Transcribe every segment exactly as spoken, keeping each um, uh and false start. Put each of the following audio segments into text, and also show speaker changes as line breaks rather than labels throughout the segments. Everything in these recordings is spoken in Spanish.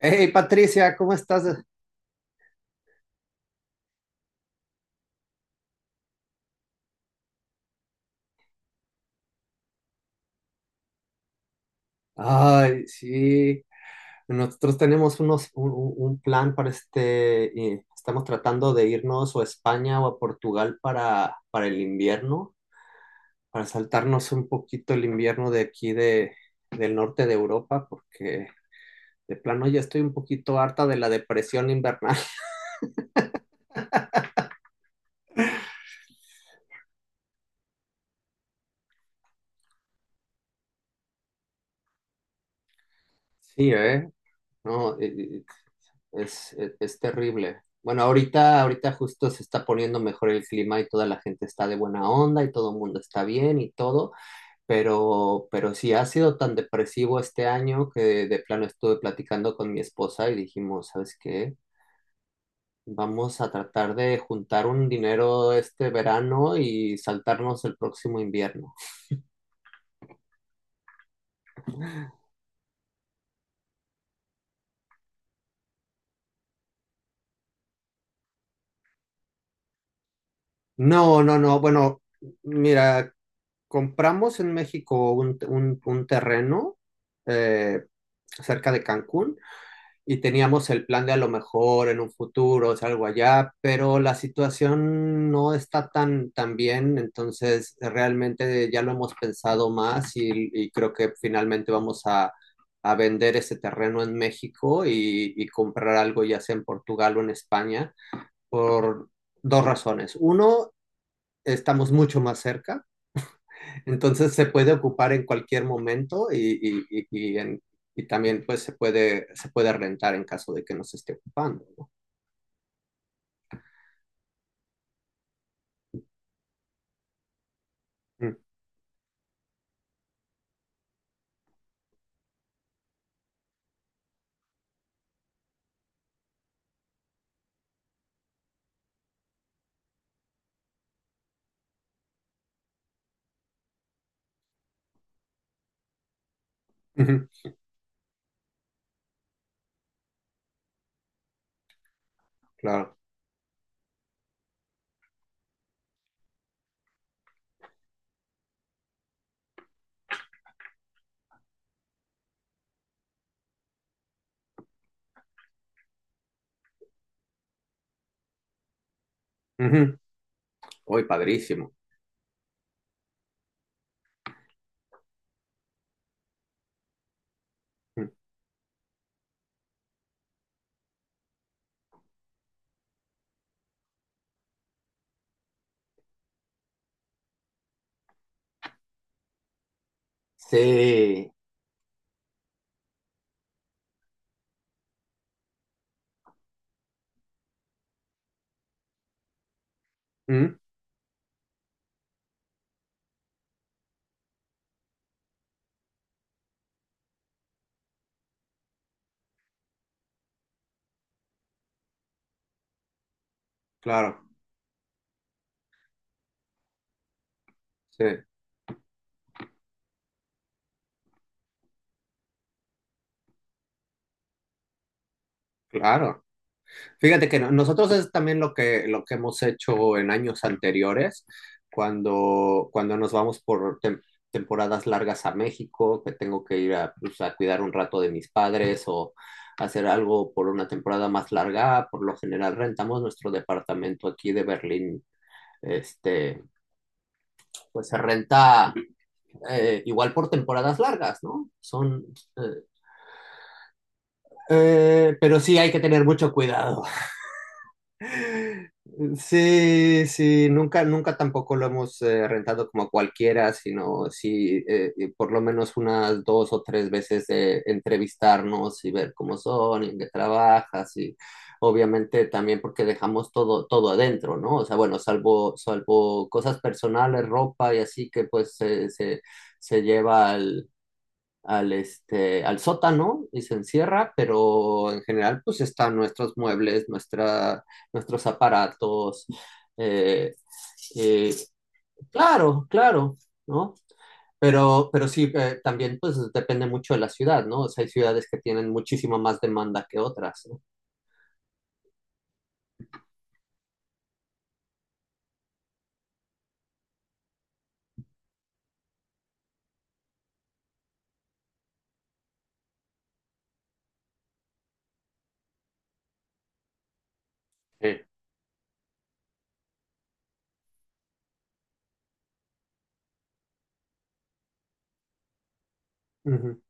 Hey Patricia, ¿cómo estás? Ay, sí, nosotros tenemos unos, un, un- un plan para este, eh, estamos tratando de irnos o a España o a Portugal para, para el invierno, para saltarnos un poquito el invierno de aquí de, del norte de Europa, porque de plano ya estoy un poquito harta de la depresión invernal. Sí, ¿eh? No, eh, es, es, es terrible. Bueno, ahorita, ahorita justo se está poniendo mejor el clima y toda la gente está de buena onda y todo el mundo está bien y todo, pero, pero sí ha sido tan depresivo este año que de de plano estuve platicando con mi esposa y dijimos, ¿sabes qué? Vamos a tratar de juntar un dinero este verano y saltarnos el próximo invierno. No, no, no. Bueno, mira, compramos en México un, un, un terreno eh, cerca de Cancún y teníamos el plan de a lo mejor en un futuro, es algo allá, pero la situación no está tan, tan bien, entonces realmente ya lo hemos pensado más y, y creo que finalmente vamos a, a vender ese terreno en México y, y comprar algo ya sea en Portugal o en España por dos razones. Uno, estamos mucho más cerca entonces se puede ocupar en cualquier momento y, y- y- y en- y también pues se puede, se puede rentar en caso de que no se esté ocupando, ¿no? Mm, ujú, claro. Ujú. Uy, padrísimo. Mm. Sí. Mm, claro, sí, claro. Fíjate que no- nosotros es también lo que, lo que hemos hecho en años anteriores, cuando, cuando nos vamos por tem- temporadas largas a México, que tengo que ir a, pues, a cuidar un rato de mis padres o hacer algo por una temporada más larga. Por lo general rentamos nuestro departamento aquí de Berlín. Este, pues se renta eh, igual por temporadas largas, ¿no? Son, eh, eh, pero sí hay que tener mucho cuidado. Sí, sí, nunca, nunca tampoco lo hemos eh, rentado como a cualquiera, sino sí, eh, eh, por lo menos unas dos o tres veces de entrevistarnos y ver cómo son y en qué trabajas y obviamente también porque dejamos todo, todo adentro, ¿no? O sea, bueno, salvo, salvo cosas personales, ropa y así que pues se, se, se lleva al al, este, al sótano y se encierra, pero en general pues están nuestros muebles, nuestra, nuestros aparatos. eh, eh, claro, claro, ¿no? Pero, pero sí, eh, también pues depende mucho de la ciudad, ¿no? O sea, hay ciudades que tienen muchísima más demanda que otras, ¿no? Sí. Ujú.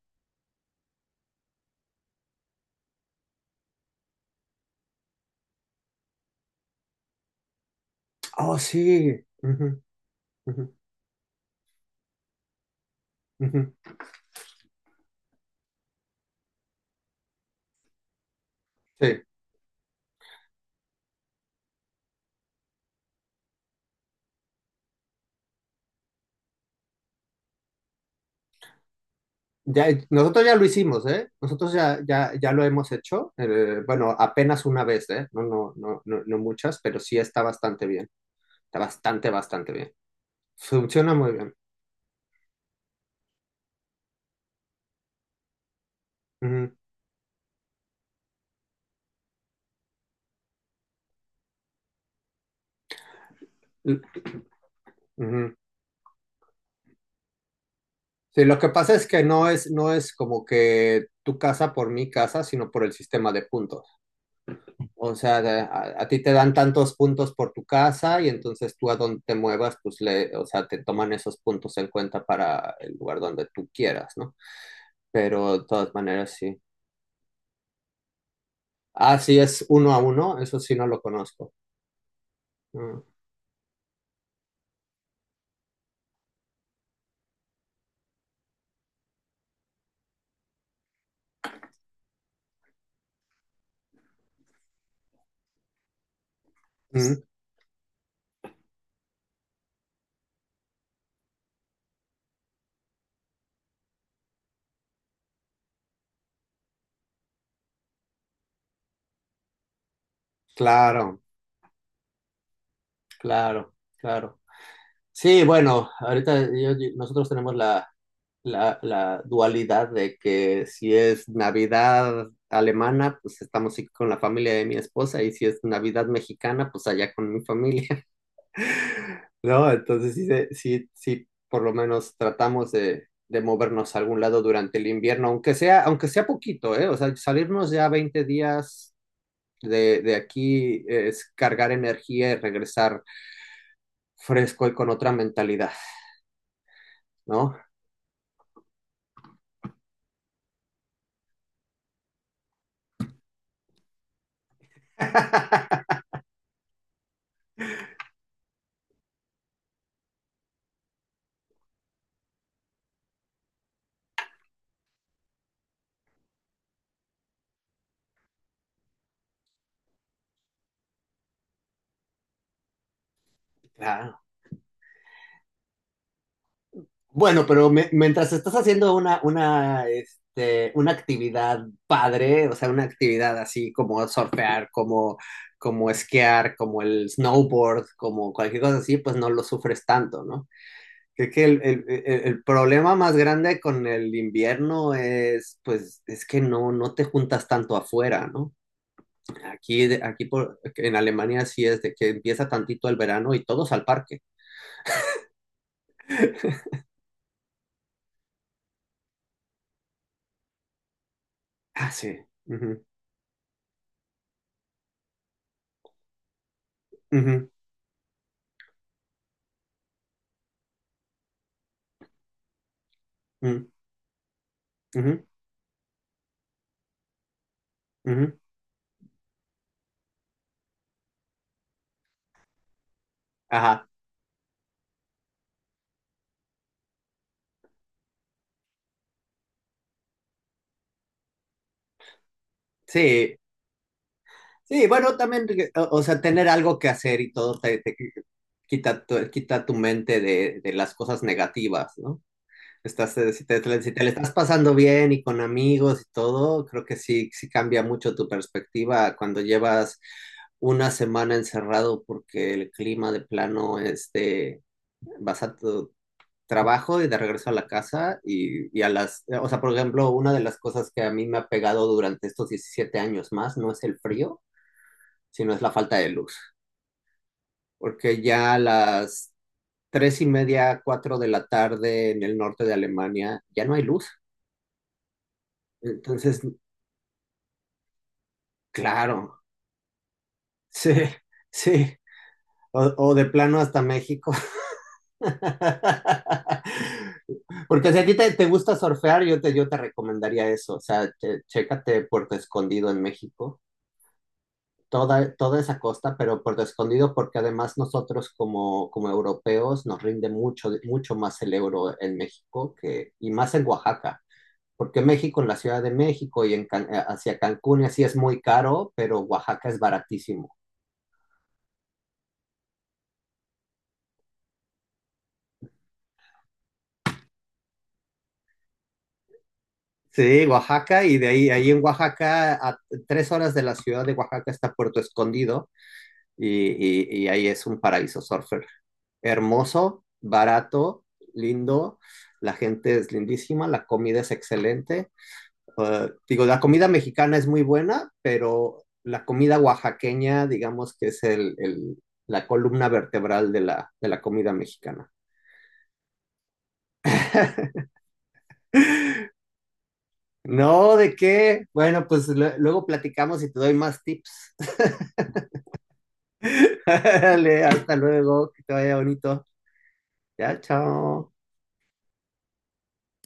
Oh, sí. Ujú, ujú, ujú. Sí. Ya, nosotros ya lo hicimos, ¿eh? Nosotros ya, ya, ya lo hemos hecho. Eh, bueno, apenas una vez, ¿eh? No, no, no, no, no muchas, pero sí está bastante bien. Está bastante, bastante bien. Funciona muy bien. Ujú. L- ujú. Sí, lo que pasa es que no es, no es como que tu casa por mi casa, sino por el sistema de puntos. O sea, de- a, a ti te dan tantos puntos por tu casa y entonces tú a donde te muevas, pues le, o sea, te toman esos puntos en cuenta para el lugar donde tú quieras, ¿no? Pero de todas maneras, sí. Ah, sí, es uno a uno, eso sí no lo conozco. Mm, mm, claro, claro, claro. Sí, bueno, ahorita yo- yo- nosotros tenemos la, la, la dualidad de que si es Navidad alemana, pues estamos aquí con la familia de mi esposa, y si es Navidad mexicana, pues allá con mi familia, ¿no? Entonces sí, se- sí, sí, por lo menos tratamos de, de movernos a algún lado durante el invierno, aunque sea, aunque sea poquito, ¿eh? O sea, salirnos ya veinte días de, de aquí es cargar energía y regresar fresco y con otra mentalidad, ¿no? Claro. Bueno, pero me- mientras estás haciendo una, una, este, una actividad padre, o sea, una actividad así como surfear, como, como esquiar, como el snowboard, como cualquier cosa así, pues no lo sufres tanto, ¿no? Creo que el, el- el- el problema más grande con el invierno es, pues, es que no, no te juntas tanto afuera, ¿no? Aquí, de- aquí por, en Alemania sí es de que empieza tantito el verano y todos al parque. Ah, sí. Ujú, ujú, mm, ujú. Ujú, ajá, sí, sí, bueno, también, eh, o o sea, tener algo que hacer y todo te, te quita tu, eh, quita tu mente de, de las cosas negativas, ¿no? Estás, eh, si te, te- si te la estás pasando bien y con amigos y todo, creo que sí, sí cambia mucho tu perspectiva cuando llevas una semana encerrado porque el clima de plano, este, vas a, trabajo y de regreso a la casa y, y a las, o sea, por ejemplo, una de las cosas que a mí me ha pegado durante estos diecisiete años más no es el frío, sino es la falta de luz, porque ya a las tres y media, cuatro de la tarde en el norte de Alemania ya no hay luz. Entonces, claro, sí, sí, o, o de plano hasta México. Porque si a ti te, te gusta surfear, yo te, yo te recomendaría eso, o sea, che- chécate Puerto Escondido en México toda, toda esa costa, pero por lo escondido, porque además nosotros como, como europeos nos rinde mucho, mucho más el euro en México que, y más en Oaxaca, porque México, en la Ciudad de México y en, Can- hacia Cancún y así es muy caro, pero Oaxaca es baratísimo. Sí, Oaxaca, y de ahí, ahí en Oaxaca, a tres horas de la ciudad de Oaxaca está Puerto Escondido, y, y- y ahí es un paraíso surfer. Hermoso, barato, lindo, la gente es lindísima, la comida es excelente. Uh, digo, la comida mexicana es muy buena, pero la comida oaxaqueña, digamos que es el, el- la columna vertebral de la, de la comida mexicana. No, ¿de qué? Bueno, pues lue- luego platicamos y te doy más tips. Dale, hasta luego, que te vaya bonito. Ya, chao.